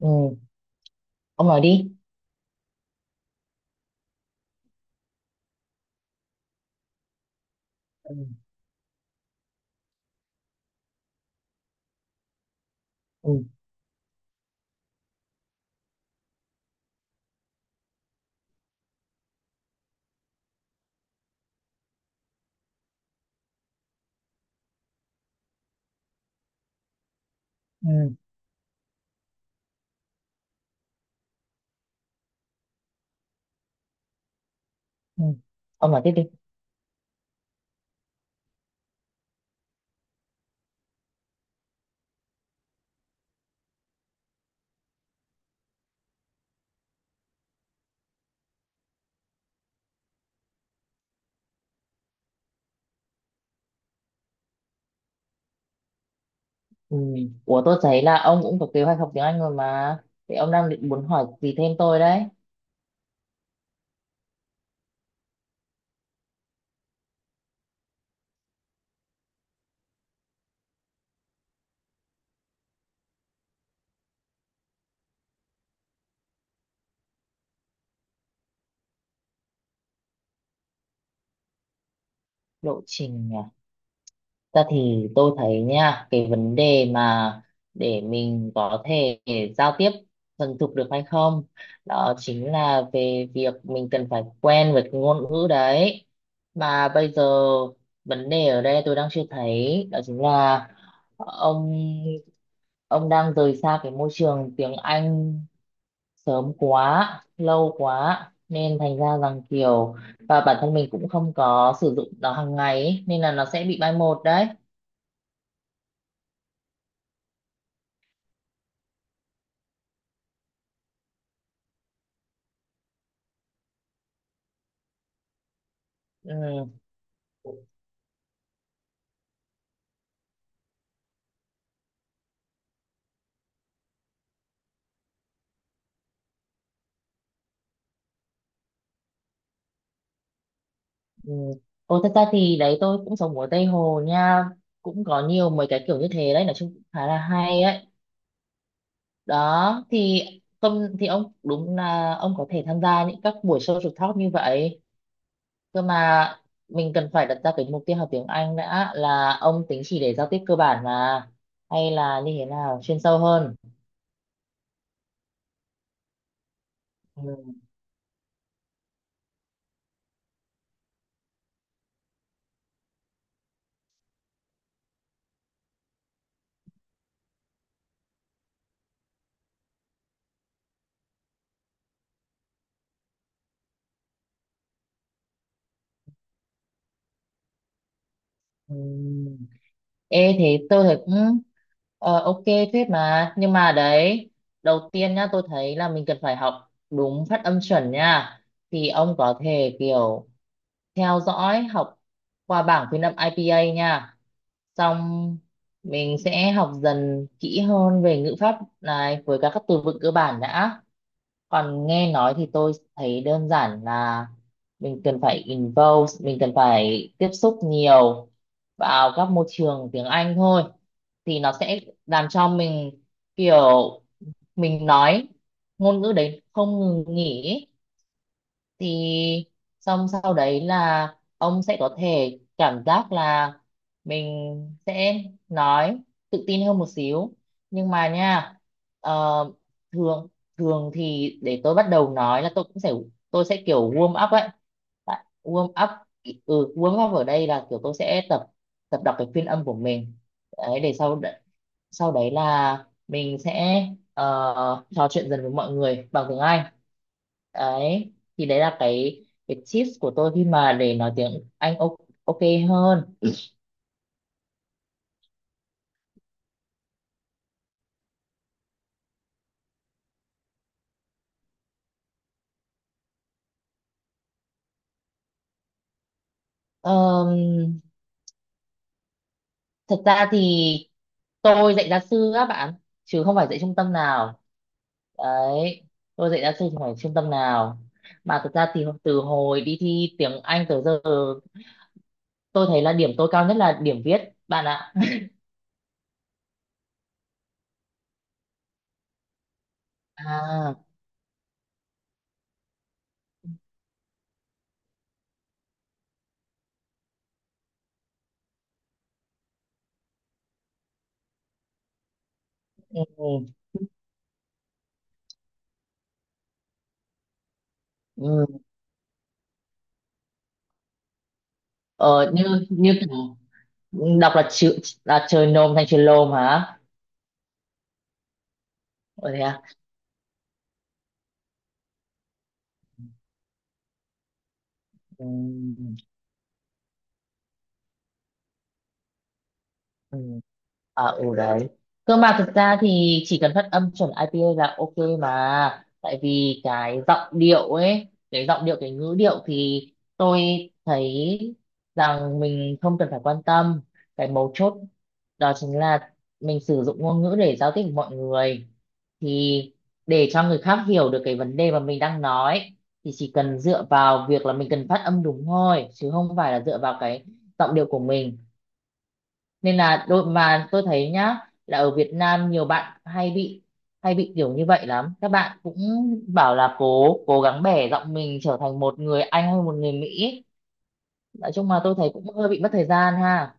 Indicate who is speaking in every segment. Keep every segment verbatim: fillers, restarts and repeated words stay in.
Speaker 1: Ừ, ông nói đi. Ừ. Ừ. Ừ. Ừ, ông nói tiếp đi. Ừ. Ủa, tôi thấy là ông cũng có kế hoạch học tiếng Anh rồi mà, thì ông đang định muốn hỏi gì thêm tôi đấy? Lộ trình à? Ta thì tôi thấy nha, cái vấn đề mà để mình có thể giao tiếp thuần thục được hay không, đó chính là về việc mình cần phải quen với cái ngôn ngữ đấy. Mà bây giờ vấn đề ở đây tôi đang chưa thấy đó chính là ông ông đang rời xa cái môi trường tiếng Anh sớm quá, lâu quá, nên thành ra rằng kiểu và bản thân mình cũng không có sử dụng nó hàng ngày ấy, nên là nó sẽ bị mai một đấy. Ừ. Ừ. Ô, thật ra thì đấy tôi cũng sống ở Tây Hồ nha, cũng có nhiều mấy cái kiểu như thế đấy, nói chung cũng khá là hay ấy. Đó thì không thì ông đúng là ông có thể tham gia những các buổi social talk như vậy. Cơ mà mình cần phải đặt ra cái mục tiêu học tiếng Anh đã, là ông tính chỉ để giao tiếp cơ bản mà, hay là như thế nào, chuyên sâu hơn? Ừ. Ừ. Ê, thế tôi thấy cũng ờ, ok, phết mà. Nhưng mà đấy, đầu tiên nhá, tôi thấy là mình cần phải học đúng phát âm chuẩn nha, thì ông có thể kiểu theo dõi học qua bảng phiên âm i pê a nha. Xong mình sẽ học dần kỹ hơn về ngữ pháp này với các các từ vựng cơ bản đã. Còn nghe nói thì tôi thấy đơn giản là mình cần phải involve, mình cần phải tiếp xúc nhiều vào các môi trường tiếng Anh thôi, thì nó sẽ làm cho mình kiểu mình nói ngôn ngữ đấy không ngừng nghỉ ý. Thì xong sau đấy là ông sẽ có thể cảm giác là mình sẽ nói tự tin hơn một xíu. Nhưng mà nha, ờ, thường thường thì để tôi bắt đầu nói là tôi cũng sẽ, tôi sẽ kiểu warm up ấy. Tại- warm up. Ừ, warm up ở đây là kiểu tôi sẽ tập, tập đọc cái phiên âm của mình đấy, để sau đ- sau đấy là mình sẽ ờ, trò chuyện dần với mọi người bằng tiếng Anh. Đấy thì đấy là cái cái tips của tôi khi mà để nói tiếng Anh ok, ok hơn. Ờm, Thật ra thì tôi dạy gia sư á bạn, chứ không phải dạy trung tâm nào. Đấy, tôi dạy gia sư chứ không phải trung tâm nào. Mà thật ra thì từ hồi đi thi tiếng Anh tới giờ, tôi thấy là điểm tôi cao nhất là điểm viết, bạn ạ. À. Ừ. Ừ. Ờ, như như kiểu đọc là chữ là trời nôm thành trời lôm hả? Ờ, thế à. Ừ. À, ừ đấy. Cơ mà thực ra thì chỉ cần phát âm chuẩn i pê a là ok mà. Tại vì cái giọng điệu ấy, cái giọng điệu, cái ngữ điệu thì tôi thấy rằng mình không cần phải quan tâm. Cái mấu chốt đó chính là mình sử dụng ngôn ngữ để giao tiếp với mọi người. Thì để cho người khác hiểu được cái vấn đề mà mình đang nói thì chỉ cần dựa vào việc là mình cần phát âm đúng thôi, chứ không phải là dựa vào cái giọng điệu của mình. Nên là đôi mà tôi thấy nhá, là ở Việt Nam nhiều bạn hay bị, hay bị kiểu như vậy lắm, các bạn cũng bảo là cố cố gắng bẻ giọng mình trở thành một người Anh hay một người Mỹ. Nói chung mà tôi thấy cũng hơi bị mất thời gian ha.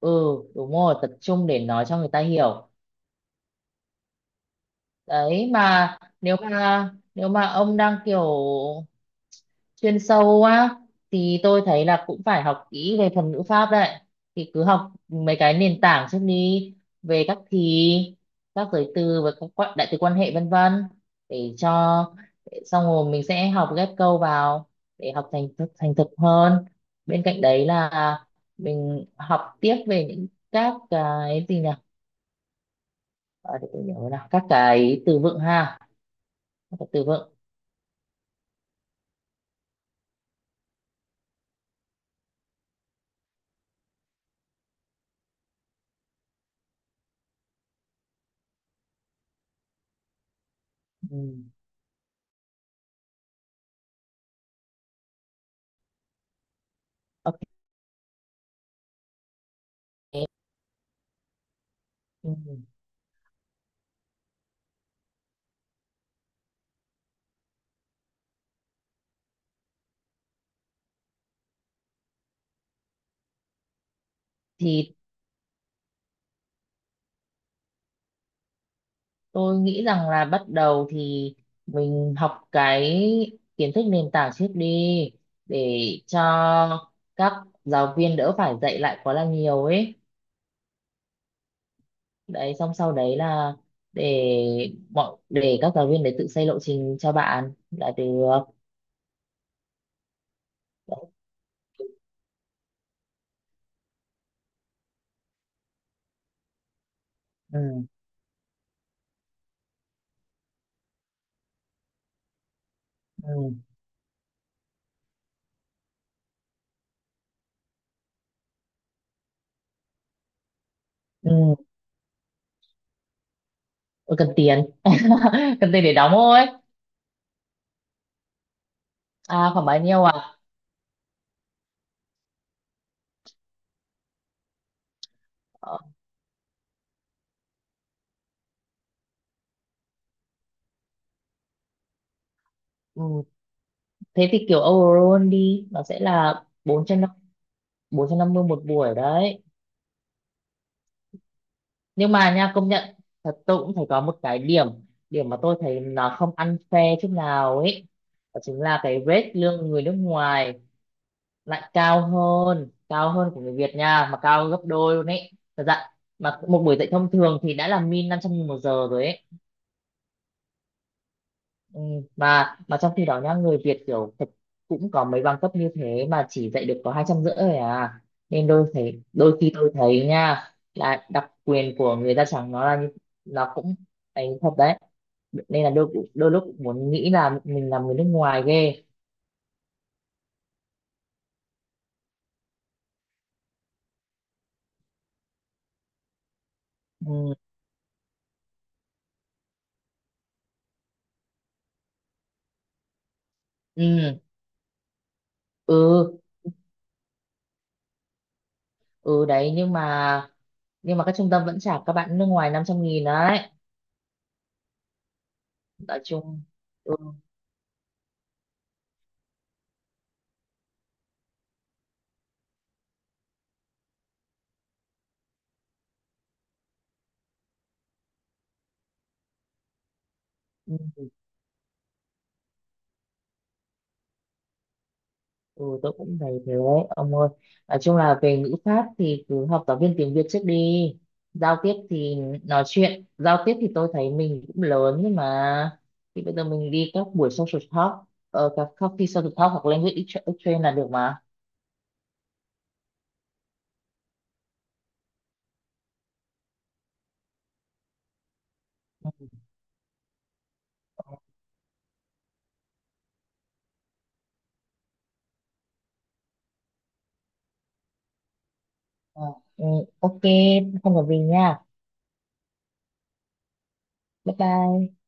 Speaker 1: Ừ, đúng rồi, tập trung để nói cho người ta hiểu. Đấy mà nếu mà, nếu mà ông đang kiểu chuyên sâu quá thì tôi thấy là cũng phải học kỹ về thuật ngữ pháp đấy, thì cứ học mấy cái nền tảng trước đi, về các thì, các giới từ và các quan- đại từ quan hệ vân vân, để cho để xong rồi mình sẽ học ghép câu vào để học thành thực, thành thục hơn. Bên cạnh đấy là mình học tiếp về những các cái gì nhỉ, à, để tôi nhớ nào, các cái từ vựng ha các cái từ vựng Ừ. Ok. Ừ. Thì tôi nghĩ rằng là bắt đầu thì mình học cái kiến thức nền tảng trước đi, để cho các giáo viên đỡ phải dạy lại quá là nhiều ấy. Đấy, xong sau đấy là để mọi để các giáo viên đấy tự xây lộ trình cho bạn là được. Ừ, ừ, ừ. Ôi, cần tiền. Cần tiền để đóng thôi. À, khoảng bao nhiêu à? Ờ. Ừ. Thế thì kiểu overall đi, nó sẽ là bốn bốn trăm, bốn trăm năm mươi một buổi đấy. Nhưng mà nha, công nhận thật, tôi cũng thấy có một cái điểm điểm mà tôi thấy là không ăn phe chút nào ấy, đó chính là cái rate lương người nước ngoài lại cao hơn cao hơn của người Việt nha, mà cao gấp đôi luôn ấy, thật dạ. Mà một buổi dạy thông thường thì đã là min năm trăm nghìn một giờ rồi ấy. Ừ, mà mà trong khi đó nhá, người Việt kiểu thật cũng có mấy bằng cấp như thế mà chỉ dạy được có hai trăm rưỡi thôi à. Nên đôi thấy đôi khi tôi thấy nha, là đặc quyền của người da trắng nó là như-, nó cũng ấy thật đấy. Nên là đôi đôi lúc cũng muốn nghĩ là mình là người nước ngoài ghê. Ừ. Ừ. Ừ. Ừ đấy, nhưng mà, nhưng mà các trung tâm vẫn trả các bạn nước ngoài năm trăm nghìn đấy. Nói chung. Ừ. Ừ. Ừ, tôi cũng thấy thế đấy ông ơi, nói chung là về ngữ pháp thì cứ học giáo viên tiếng Việt trước đi. Giao tiếp thì nói chuyện giao tiếp thì tôi thấy mình cũng lớn, nhưng mà thì bây giờ mình đi các buổi social talk, ờ, các coffee social talk hoặc language exchange là được mà. Ờ, ừ, ok, không có gì nha. Bye bye.